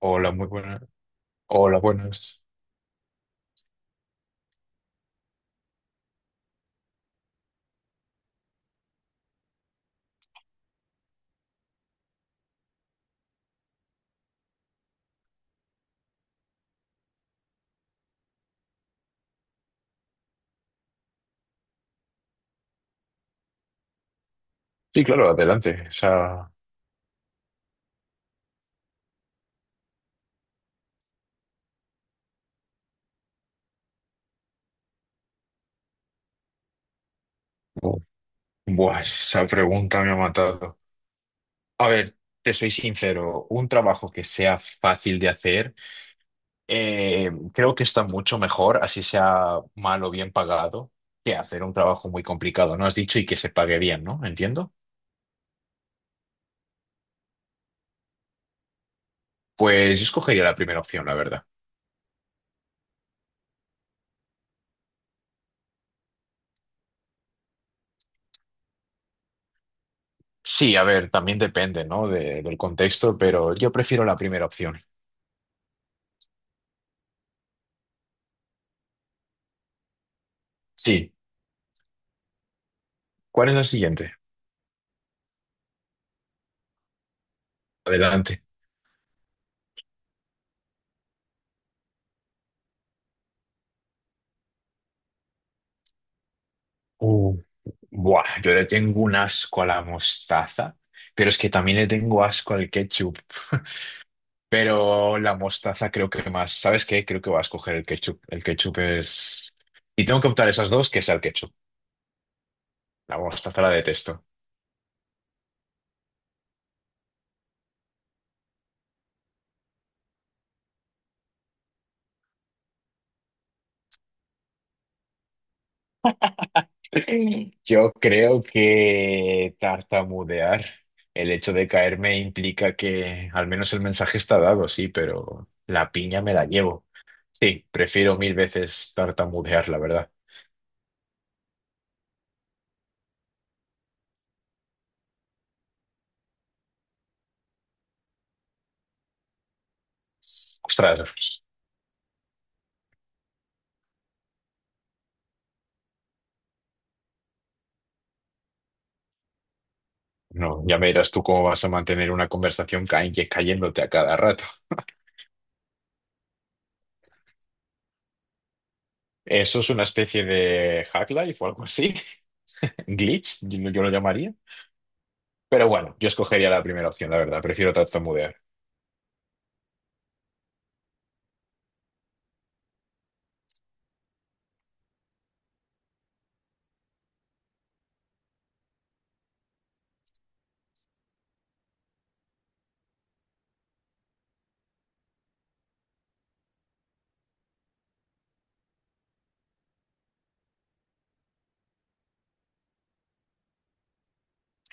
Hola, muy buenas. Hola, buenas. Sí, claro, adelante. Esa, buah, esa pregunta me ha matado. A ver, te soy sincero, un trabajo que sea fácil de hacer, creo que está mucho mejor, así sea mal o bien pagado, que hacer un trabajo muy complicado, ¿no? Has dicho y que se pague bien, ¿no? Entiendo. Pues yo escogería la primera opción, la verdad. Sí, a ver, también depende, ¿no? De- del contexto, pero yo prefiero la primera opción. Sí. ¿Cuál es la siguiente? Adelante. Buah, yo le tengo un asco a la mostaza, pero es que también le tengo asco al ketchup. Pero la mostaza creo que más. ¿Sabes qué? Creo que voy a escoger el ketchup. El ketchup es... Y tengo que optar esas dos, que sea el ketchup. La mostaza la detesto. Yo creo que tartamudear, el hecho de caerme implica que al menos el mensaje está dado, sí, pero la piña me la llevo. Sí, prefiero mil veces tartamudear, la verdad. Ostras. No, ya me dirás tú cómo vas a mantener una conversación ca- cayéndote a cada rato. Eso es una especie de hack life o algo así. Glitch, yo lo llamaría. Pero bueno, yo escogería la primera opción, la verdad. Prefiero tartamudear.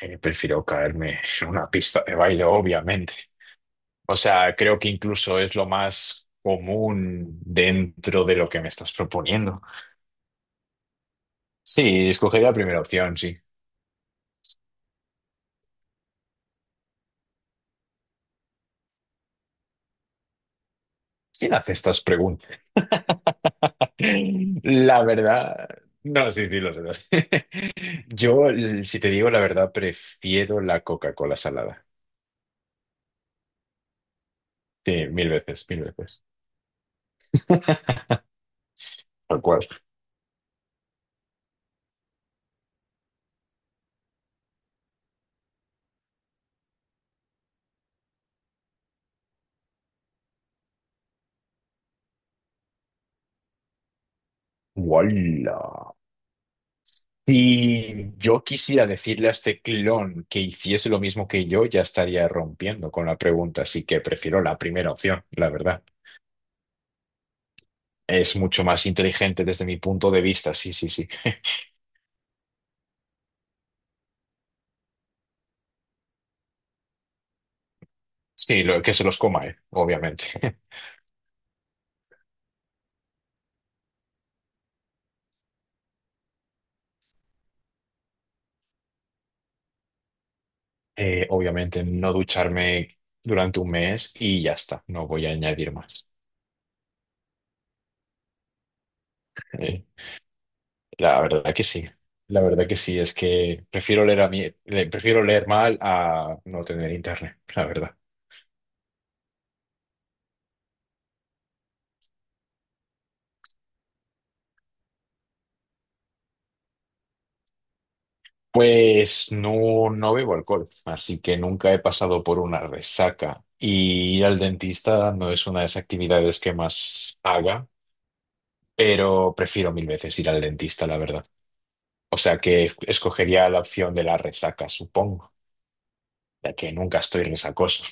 Prefiero caerme en una pista de baile, obviamente. O sea, creo que incluso es lo más común dentro de lo que me estás proponiendo. Sí, escogería la primera opción, sí. ¿Quién hace estas preguntas? La verdad, no, sí, sí, lo sé, lo sé. Yo, l- si te digo la verdad, prefiero la Coca-Cola salada. Sí, mil veces, mil veces. Tal cual. ¡Wala! Si yo quisiera decirle a este clon que hiciese lo mismo que yo, ya estaría rompiendo con la pregunta, así que prefiero la primera opción, la verdad. Es mucho más inteligente desde mi punto de vista, sí, sí, sí. Sí, lo, que se los coma, obviamente. Obviamente no ducharme durante un mes y ya está, no voy a añadir más. Eh, la verdad que sí, la verdad que sí, es que prefiero leer a mí, le- prefiero leer mal a no tener internet, la verdad. Pues no, no bebo alcohol, así que nunca he pasado por una resaca y ir al dentista no es una de las actividades que más haga, pero prefiero mil veces ir al dentista, la verdad. O sea que escogería la opción de la resaca, supongo, ya que nunca estoy resacoso.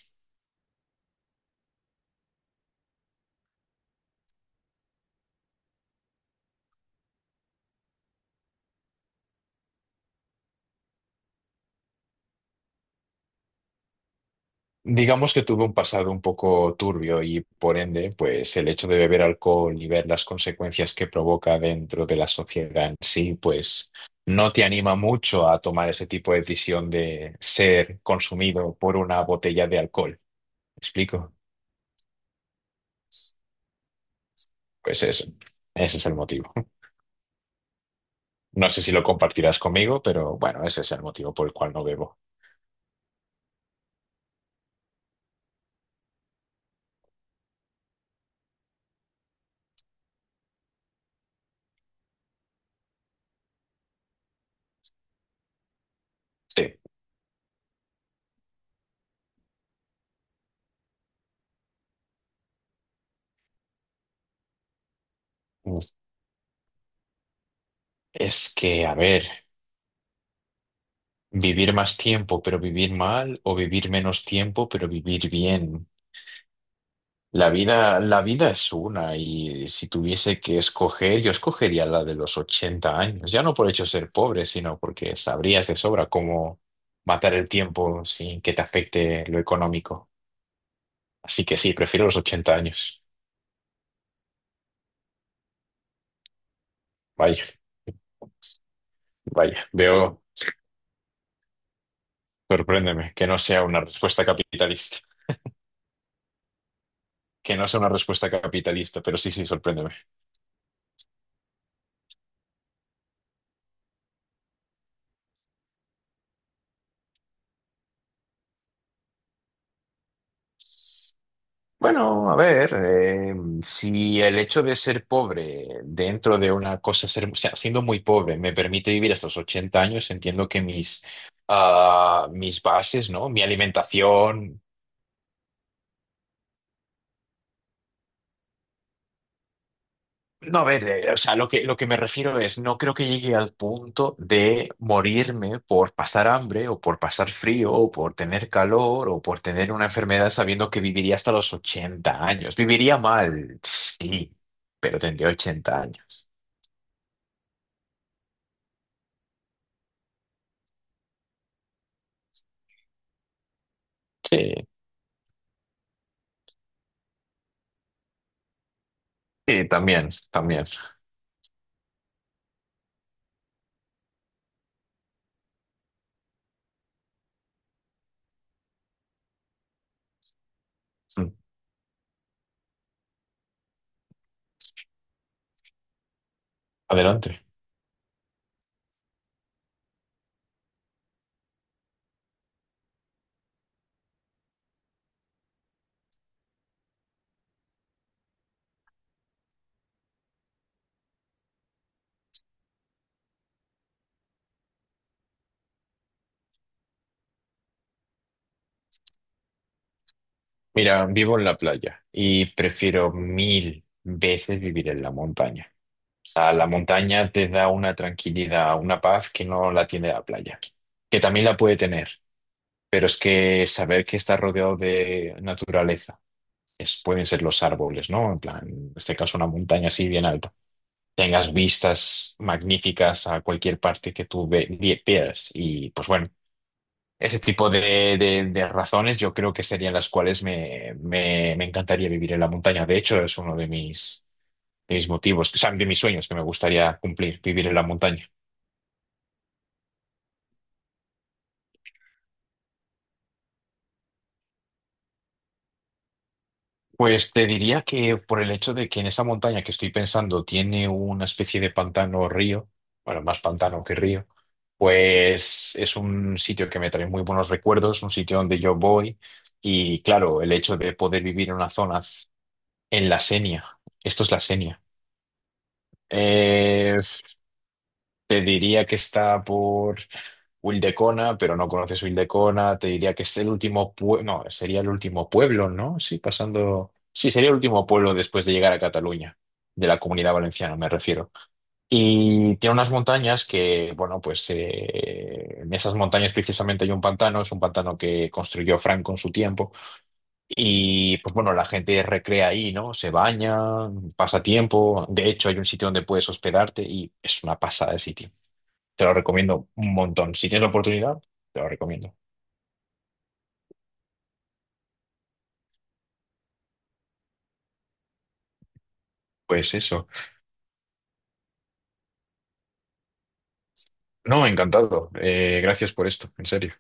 Digamos que tuve un pasado un poco turbio y por ende, pues el hecho de beber alcohol y ver las consecuencias que provoca dentro de la sociedad en sí, pues no te anima mucho a tomar ese tipo de decisión de ser consumido por una botella de alcohol. ¿Me explico? Pues eso, ese es el motivo. No sé si lo compartirás conmigo, pero bueno, ese es el motivo por el cual no bebo. Sí. Es que, a ver, vivir más tiempo, pero vivir mal, o vivir menos tiempo, pero vivir bien. La vida es una, y si tuviese que escoger, yo escogería la de los 80 años. Ya no por hecho ser pobre, sino porque sabrías de sobra cómo matar el tiempo sin que te afecte lo económico. Así que sí, prefiero los 80 años. Vaya, vaya. Veo, sorpréndeme, que no sea una respuesta capitalista. Que no sea una respuesta capitalista, pero sí, sí, sorpréndeme. Bueno, a ver, si el hecho de ser pobre dentro de una cosa, ser, o sea, siendo muy pobre, me permite vivir hasta los 80 años, entiendo que mis, ah, mis bases, ¿no? Mi alimentación. No, a ver, o sea, lo que me refiero es, no creo que llegue al punto de morirme por pasar hambre o por pasar frío o por tener calor o por tener una enfermedad sabiendo que viviría hasta los 80 años. Viviría mal, sí, pero tendría 80 años. Sí. Sí, también, también. Mm, adelante. Mira, vivo en la playa y prefiero mil veces vivir en la montaña. O sea, la montaña te da una tranquilidad, una paz que no la tiene la playa, que también la puede tener, pero es que saber que estás rodeado de naturaleza, es, pueden ser los árboles, ¿no? En plan, en este caso una montaña así bien alta. Tengas vistas magníficas a cualquier parte que tú ve- vi- veas y pues bueno. Ese tipo de razones yo creo que serían las cuales me, me- me encantaría vivir en la montaña. De hecho, es uno de mis motivos, o sea, de mis sueños que me gustaría cumplir, vivir en la montaña. Pues te diría que por el hecho de que en esa montaña que estoy pensando tiene una especie de pantano o río, bueno, más pantano que río, pues es un sitio que me trae muy buenos recuerdos, un sitio donde yo voy y claro, el hecho de poder vivir en una zona en la Senia, esto es la Senia. eh, Te diría que está por Wildecona, pero no conoces Wildecona. Te diría que es el último pueblo. No, sería el último pueblo, ¿no? Sí, pasando. Sí, sería el último pueblo después de llegar a Cataluña, de la Comunidad Valenciana, me refiero. Y tiene unas montañas que, bueno, pues en esas montañas precisamente hay un pantano, es un pantano que construyó Franco en su tiempo. Y pues bueno, la gente recrea ahí, ¿no? Se baña, pasa tiempo. De hecho, hay un sitio donde puedes hospedarte y es una pasada de sitio. Te lo recomiendo un montón. Si tienes la oportunidad, te lo recomiendo. Pues eso. No, encantado. Gracias por esto, en serio.